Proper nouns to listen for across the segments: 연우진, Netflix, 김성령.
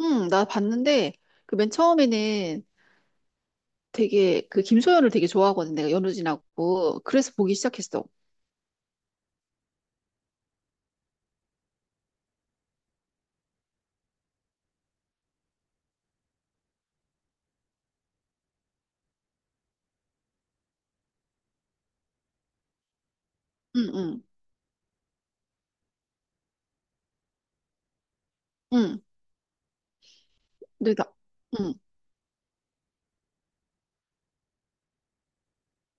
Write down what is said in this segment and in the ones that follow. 응, 나 봤는데, 그 맨 처음에는 되게, 그 김소연을 되게 좋아하거든, 내가 연우진하고. 그래서 보기 시작했어. 응, 응, 응. 근데 나, 응.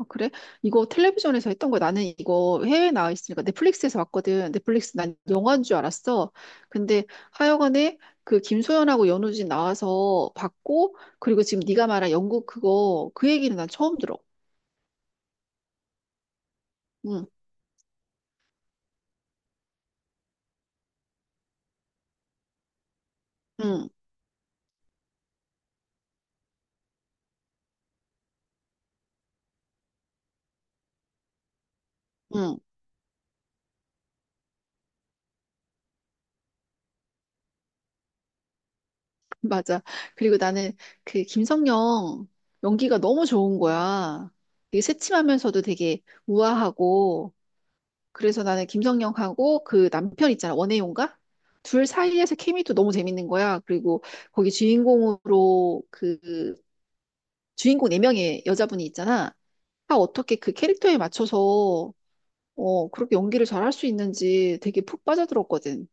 아, 그래? 이거 텔레비전에서 했던 거야. 나는 이거 해외에 나와 있으니까 넷플릭스에서 봤거든. 넷플릭스 난 영화인 줄 알았어. 근데 하여간에 그 김소연하고 연우진 나와서 봤고, 그리고 지금 네가 말한 영국 그거, 그 얘기는 난 처음 들어. 응, 응, 응. 맞아. 그리고 나는 그 김성령 연기가 너무 좋은 거야. 되게 새침하면서도 되게 우아하고, 그래서 나는 김성령하고 그 남편 있잖아. 원혜용가? 둘 사이에서 케미도 너무 재밌는 거야. 그리고 거기 주인공으로 그 주인공 네명의 여자분이 있잖아. 다 어떻게 그 캐릭터에 맞춰서 그렇게 연기를 잘할 수 있는지 되게 푹 빠져들었거든.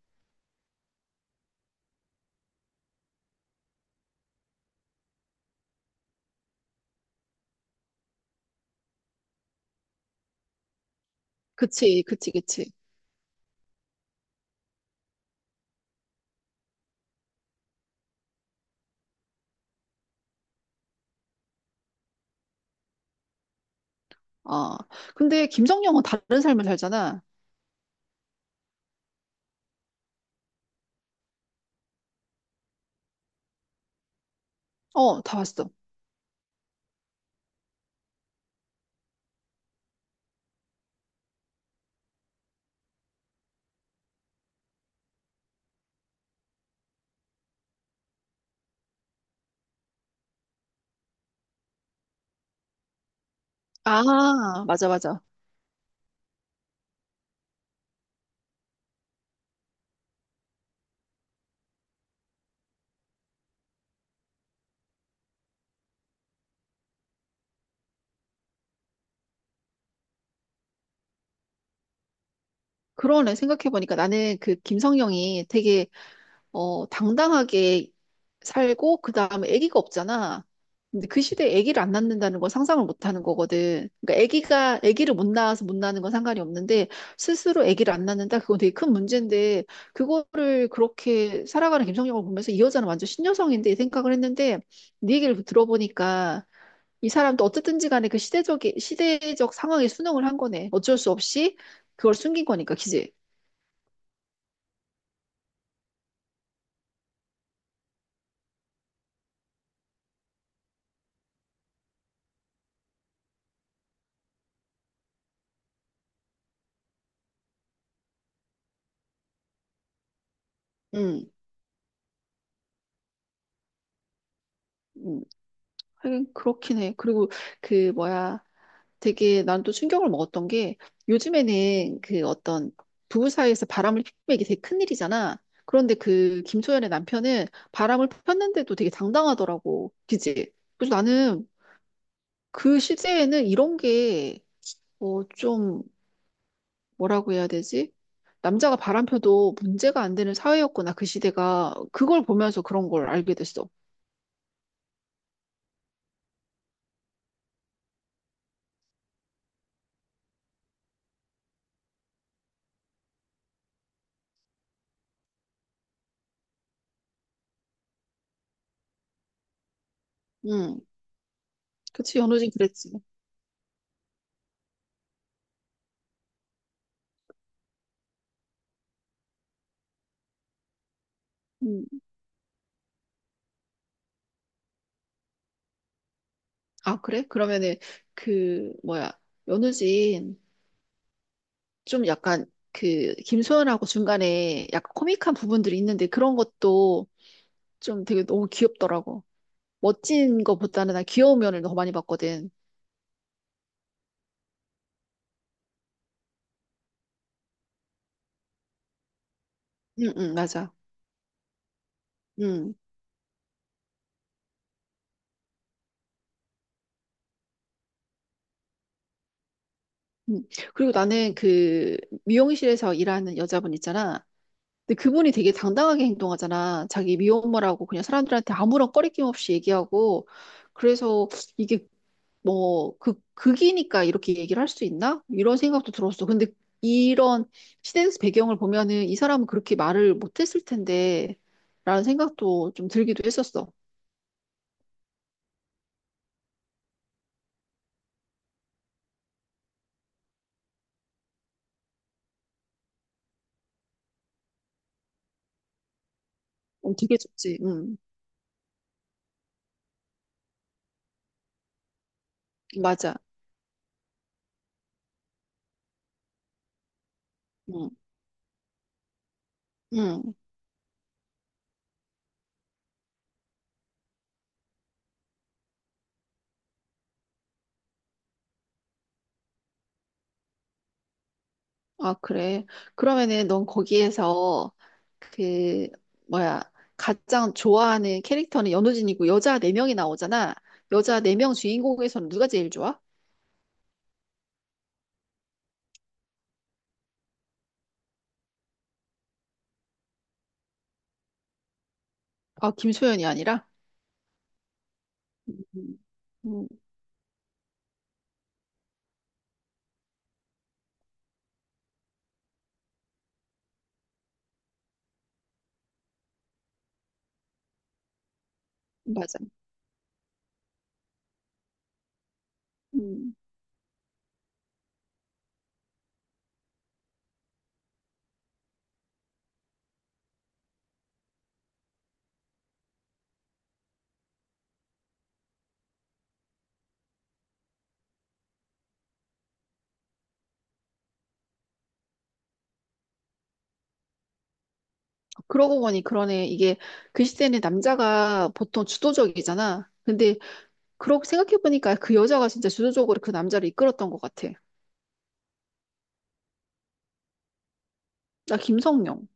그치, 그치, 그치. 아, 근데 김성령은 다른 삶을 살잖아. 어, 다 봤어. 아, 맞아, 맞아. 그러네. 생각해보니까 나는 그 김성령이 되게, 당당하게 살고, 그 다음에 아기가 없잖아. 근데 그 시대에 아기를 안 낳는다는 건 상상을 못 하는 거거든. 그러니까 아기를 못 낳아서 못 낳는 건 상관이 없는데, 스스로 아기를 안 낳는다? 그건 되게 큰 문제인데, 그거를 그렇게 살아가는 김성령을 보면서 이 여자는 완전 신여성인데, 이 생각을 했는데, 네 얘기를 들어보니까, 이 사람도 어쨌든지 간에 그 시대적 상황에 순응을 한 거네. 어쩔 수 없이 그걸 숨긴 거니까, 그지? 응, 응. 하긴 그렇긴 해. 그리고 그, 뭐야, 되게 난 또 충격을 먹었던 게, 요즘에는 그 어떤 부부 사이에서 바람을 피우는 게 되게 큰일이잖아. 그런데 그 김소연의 남편은 바람을 폈는데도 되게 당당하더라고. 그지? 그래서 나는 그 시대에는 이런 게, 좀, 뭐라고 해야 되지? 남자가 바람펴도 문제가 안 되는 사회였구나, 그 시대가. 그걸 보면서 그런 걸 알게 됐어. 응. 그치, 연우진 그랬지. 음, 아, 그래? 그러면은, 그, 뭐야. 연우진, 좀 약간, 그, 김소연하고 중간에 약간 코믹한 부분들이 있는데, 그런 것도 좀 되게 너무 귀엽더라고. 멋진 거보다는 난 귀여운 면을 더 많이 봤거든. 응, 응, 맞아. 응. 응. 그리고 나는 그 미용실에서 일하는 여자분 있잖아. 근데 그분이 되게 당당하게 행동하잖아. 자기 미혼모라고 그냥 사람들한테 아무런 꺼리낌 없이 얘기하고. 그래서 이게 뭐, 극이니까 이렇게 얘기를 할 수 있나? 이런 생각도 들었어. 근데 이런 시대 배경을 보면은 이 사람은 그렇게 말을 못했을 텐데, 라는 생각도 좀 들기도 했었어. 되게 좋지. 맞아. 음, 음. 아, 그래. 그러면은 넌 거기에서 그, 뭐야, 가장 좋아하는 캐릭터는 연우진이고 여자 네명이 나오잖아. 여자 네 명 주인공에서는 누가 제일 좋아? 아, 김소연이 아니라? 음, 음, 맞아. 음. 그러고 보니 그러네. 이게 그 시대는 남자가 보통 주도적이잖아. 근데 그렇게 생각해보니까 그 여자가 진짜 주도적으로 그 남자를 이끌었던 것 같아. 나 김성령.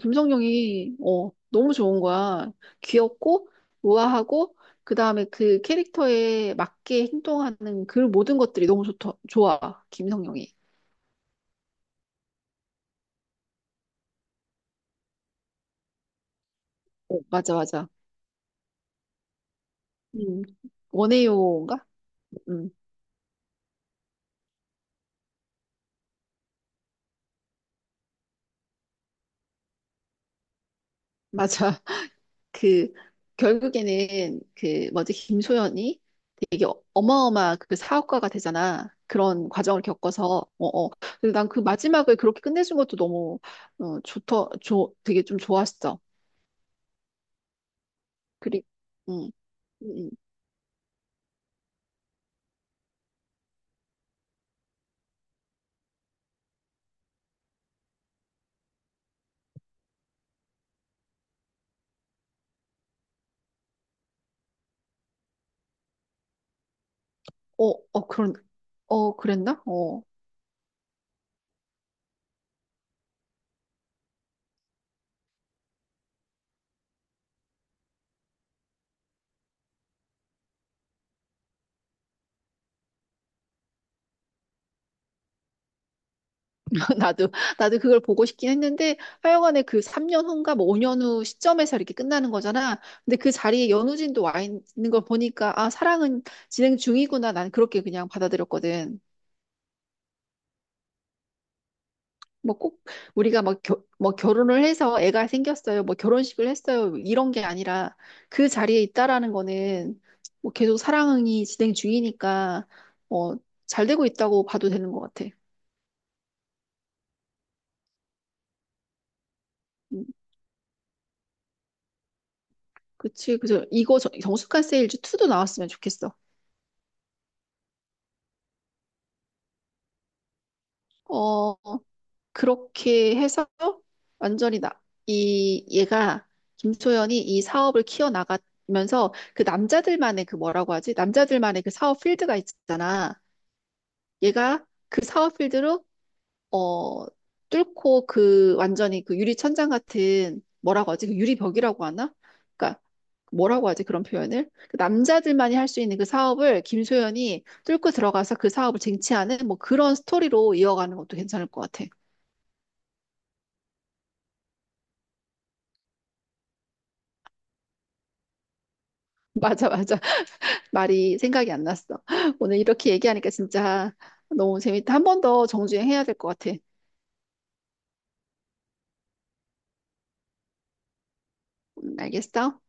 김성령이 너무 좋은 거야. 귀엽고 우아하고 그다음에 그 캐릭터에 맞게 행동하는 그 모든 것들이 너무 좋아. 김성령이. 어, 맞아 맞아. 음. 원해요인가? 음. 맞아. 그 결국에는 그 뭐지 김소연이 되게 어마어마한 그 사업가가 되잖아. 그런 과정을 겪어서 어어. 근데 난 그 마지막을 그렇게 끝내준 것도 너무 어, 좋더 좋 되게 좀 좋았어. 그리고 음, 어, 어, 그런, 어, 그랬나? 어, 나도, 나도 그걸 보고 싶긴 했는데, 하여간에 그 3년 후인가 뭐 5년 후 시점에서 이렇게 끝나는 거잖아. 근데 그 자리에 연우진도 와 있는 걸 보니까, 아, 사랑은 진행 중이구나. 난 그렇게 그냥 받아들였거든. 뭐 꼭 우리가 막, 뭐 결혼을 해서 애가 생겼어요. 뭐 결혼식을 했어요. 이런 게 아니라 그 자리에 있다라는 거는 뭐 계속 사랑이 진행 중이니까, 어, 잘 되고 있다고 봐도 되는 것 같아. 음. 그치. 그래서 이거 정수가 세일즈 2도 나왔으면 좋겠어. 어, 그렇게 해서 완전히 얘가, 김소연이 이 사업을 키워나가면서 그 남자들만의 그 뭐라고 하지? 남자들만의 그 사업 필드가 있잖아. 얘가 그 사업 필드로, 어, 뚫고 그 완전히 그 유리천장 같은, 뭐라고 하지? 그 유리벽이라고 하나? 그러니까 뭐라고 하지? 그런 표현을? 그 남자들만이 할 수 있는 그 사업을 김소연이 뚫고 들어가서 그 사업을 쟁취하는, 뭐 그런 스토리로 이어가는 것도 괜찮을 것 같아. 맞아, 맞아. 말이 생각이 안 났어. 오늘 이렇게 얘기하니까 진짜 너무 재밌다. 한 번 더 정주행 해야 될 것 같아. 알겠어?